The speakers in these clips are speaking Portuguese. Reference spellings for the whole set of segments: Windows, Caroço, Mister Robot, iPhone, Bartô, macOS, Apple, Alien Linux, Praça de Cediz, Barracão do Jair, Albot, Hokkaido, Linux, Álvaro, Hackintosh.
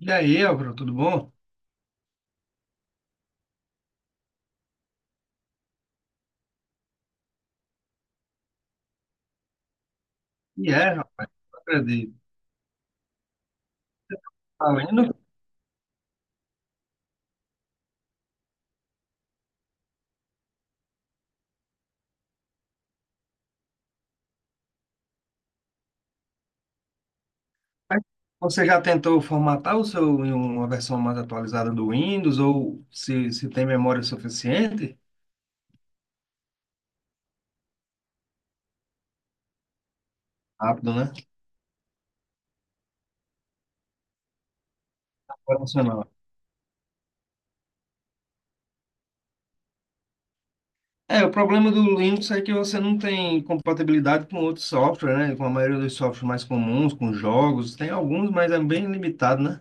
E aí, Álvaro, tudo bom? E é, rapaz, não acredito. Tá vendo? Mas Você já tentou formatar o seu em uma versão mais atualizada do Windows ou se tem memória suficiente? Rápido, né? Vai É, o problema do Linux é que você não tem compatibilidade com outros softwares, né? Com a maioria dos softwares mais comuns, com jogos. Tem alguns, mas é bem limitado, né?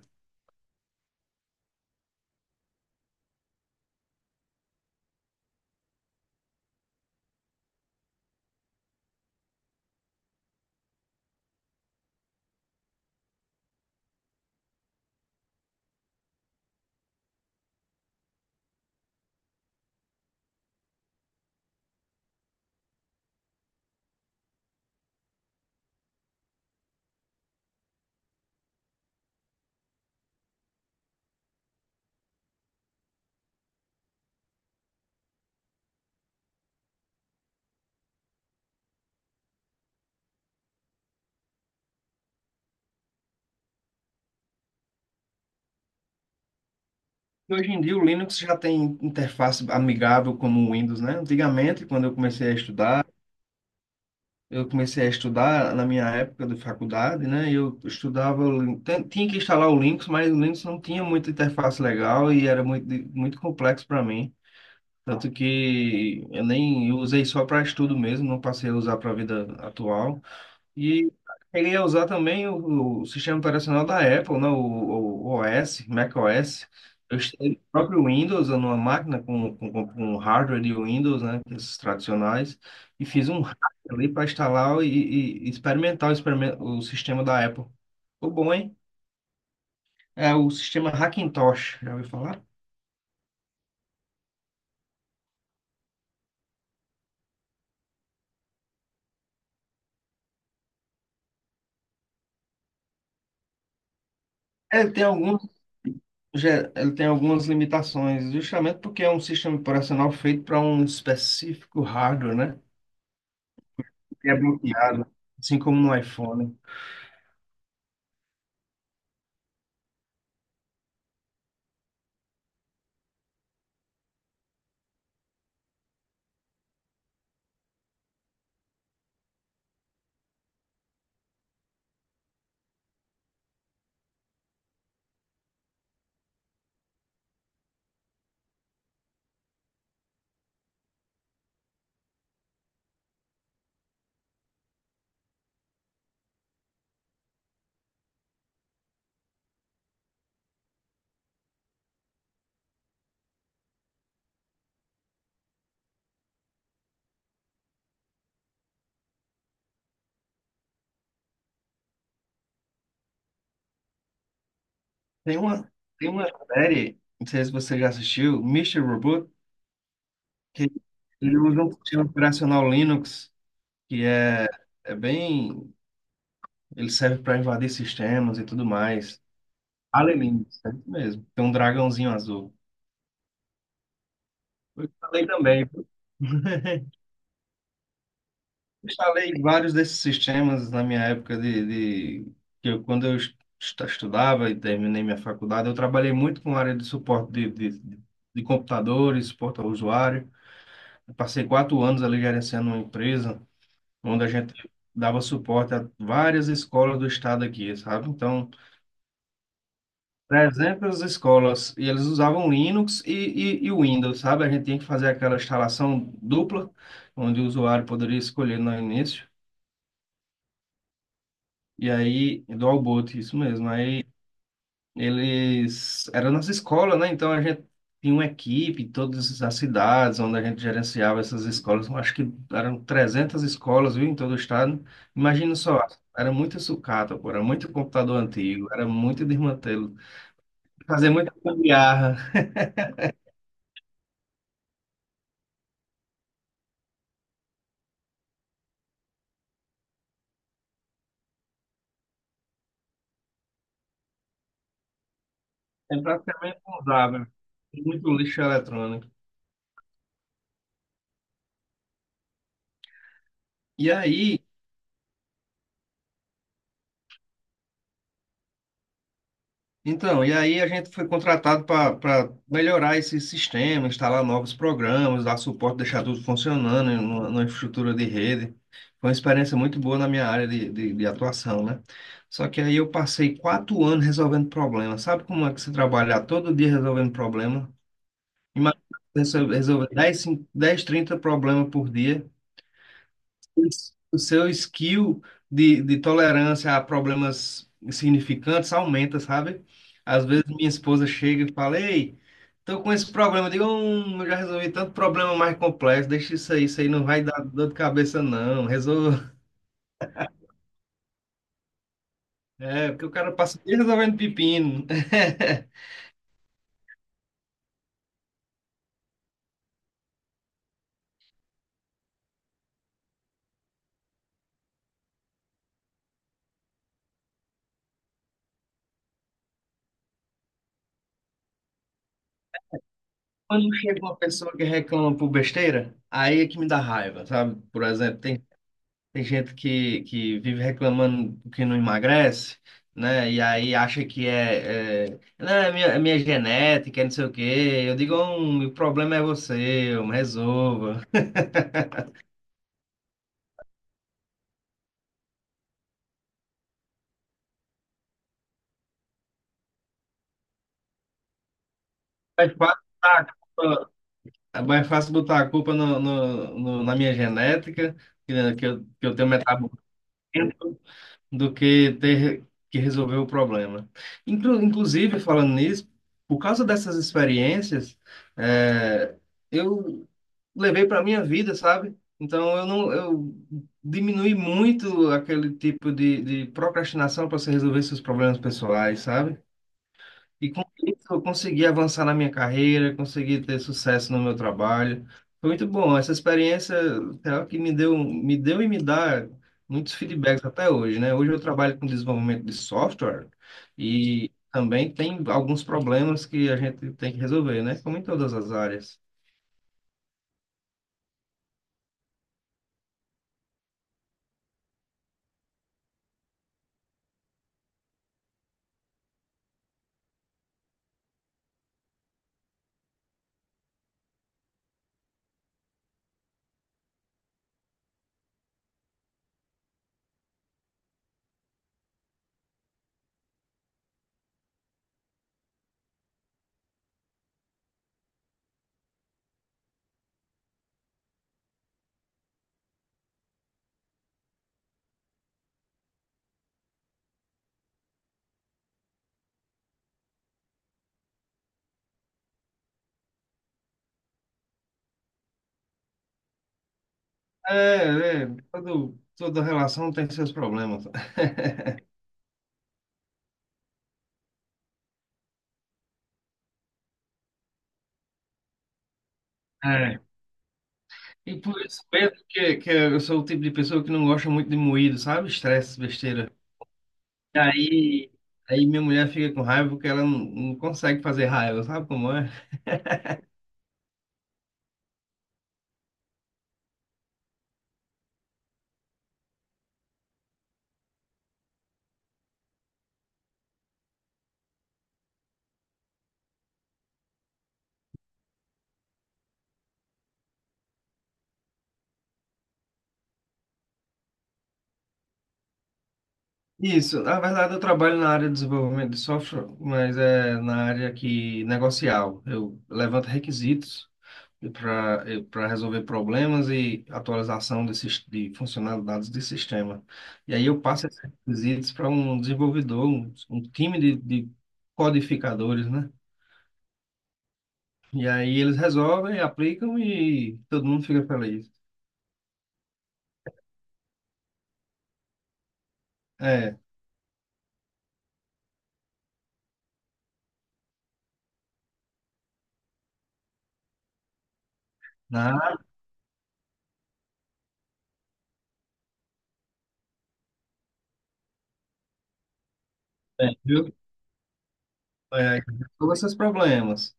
E hoje em dia o Linux já tem interface amigável como o Windows, né? Antigamente, quando eu comecei a estudar, eu comecei a estudar na minha época de faculdade, né? Eu estudava, tinha que instalar o Linux, mas o Linux não tinha muita interface legal e era muito complexo para mim. Tanto que eu nem eu usei só para estudo mesmo, não passei a usar para a vida atual. E queria usar também o sistema operacional da Apple, né? O OS, macOS. Eu instalei o próprio Windows numa máquina com hardware de Windows, né? Esses tradicionais. E fiz um hack ali para instalar e experimentar o sistema da Apple. Ficou bom, hein? É o sistema Hackintosh, já ouviu falar? É, ele tem ele tem algumas limitações, justamente porque é um sistema operacional feito para um específico hardware, né? É bloqueado, assim como no iPhone. Tem uma, Tem uma série, não sei se você já assistiu, Mister Robot, que ele usa um sistema operacional Linux, que é bem. Ele serve para invadir sistemas e tudo mais. Alien Linux, é isso mesmo. Tem um dragãozinho azul. Eu falei também, viu? Instalei vários desses sistemas na minha época de que eu, quando eu estudava e terminei minha faculdade, eu trabalhei muito com a área de suporte de computadores, suporte ao usuário. Eu passei quatro anos ali gerenciando uma empresa onde a gente dava suporte a várias escolas do estado aqui, sabe? Então, 300 escolas e eles usavam Linux e Windows, sabe? A gente tinha que fazer aquela instalação dupla, onde o usuário poderia escolher no início. E aí, do Albot, isso mesmo. Aí eles. Era a nossa escola, né? Então a gente tinha uma equipe, todas as cidades onde a gente gerenciava essas escolas. Eu acho que eram 300 escolas, viu, em todo o estado. Imagina só, era muita sucata, pô, era muito computador antigo, era muito desmantelo. Fazer muita gambiarra. É praticamente usável. Muito lixo eletrônico. E aí. Então, e aí a gente foi contratado para melhorar esse sistema, instalar novos programas, dar suporte, deixar tudo funcionando em numa infraestrutura de rede. Foi uma experiência muito boa na minha área de atuação, né? Só que aí eu passei quatro anos resolvendo problemas. Sabe como é que você trabalhar todo dia resolvendo problema? Imagina você resolver 10, 5, 10, 30 problemas por dia o seu skill de tolerância a problemas significantes aumenta, sabe? Às vezes minha esposa chega e fala, ei, tô com esse problema. Eu digo, eu já resolvi tanto problema mais complexo, deixa isso aí não vai dar dor de cabeça, não. Resolva. É, porque o cara passa o dia resolvendo pepino. Quando chega uma pessoa que reclama por besteira, aí é que me dá raiva, sabe? Por exemplo, tem tem gente que vive reclamando que não emagrece, né? E aí acha que não, é minha genética, é não sei o quê. Eu digo, o problema é você, eu me resolva. É fácil botar a culpa, é mais fácil botar a culpa na minha genética, que eu, que eu tenho metabolismo. Do que ter que resolver o problema. Inclusive, falando nisso, por causa dessas experiências, é, eu levei para minha vida, sabe? Então eu não eu diminui muito aquele tipo de procrastinação para você resolver seus problemas pessoais, sabe? E com isso eu consegui avançar na minha carreira, consegui ter sucesso no meu trabalho. Foi muito bom. Essa experiência é algo que me deu e me dá muitos feedbacks até hoje, né? Hoje eu trabalho com desenvolvimento de software e também tem alguns problemas que a gente tem que resolver, né? Como em todas as áreas. Toda relação tem seus problemas. É. E por isso mesmo que eu sou o tipo de pessoa que não gosta muito de moído, sabe? Estresse, besteira. Aí, Aí minha mulher fica com raiva porque ela não consegue fazer raiva, sabe como é? Isso, na verdade eu trabalho na área de desenvolvimento de software, mas é na área que negocial. Eu levanto requisitos para para resolver problemas e atualização desses, de funcionalidades de sistema. E aí eu passo esses requisitos para um desenvolvedor, um time de codificadores, né? E aí eles resolvem, aplicam e todo mundo fica feliz. É, na Bem, viu? É, resolva seus problemas.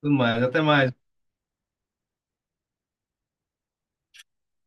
Tudo mais. Até mais.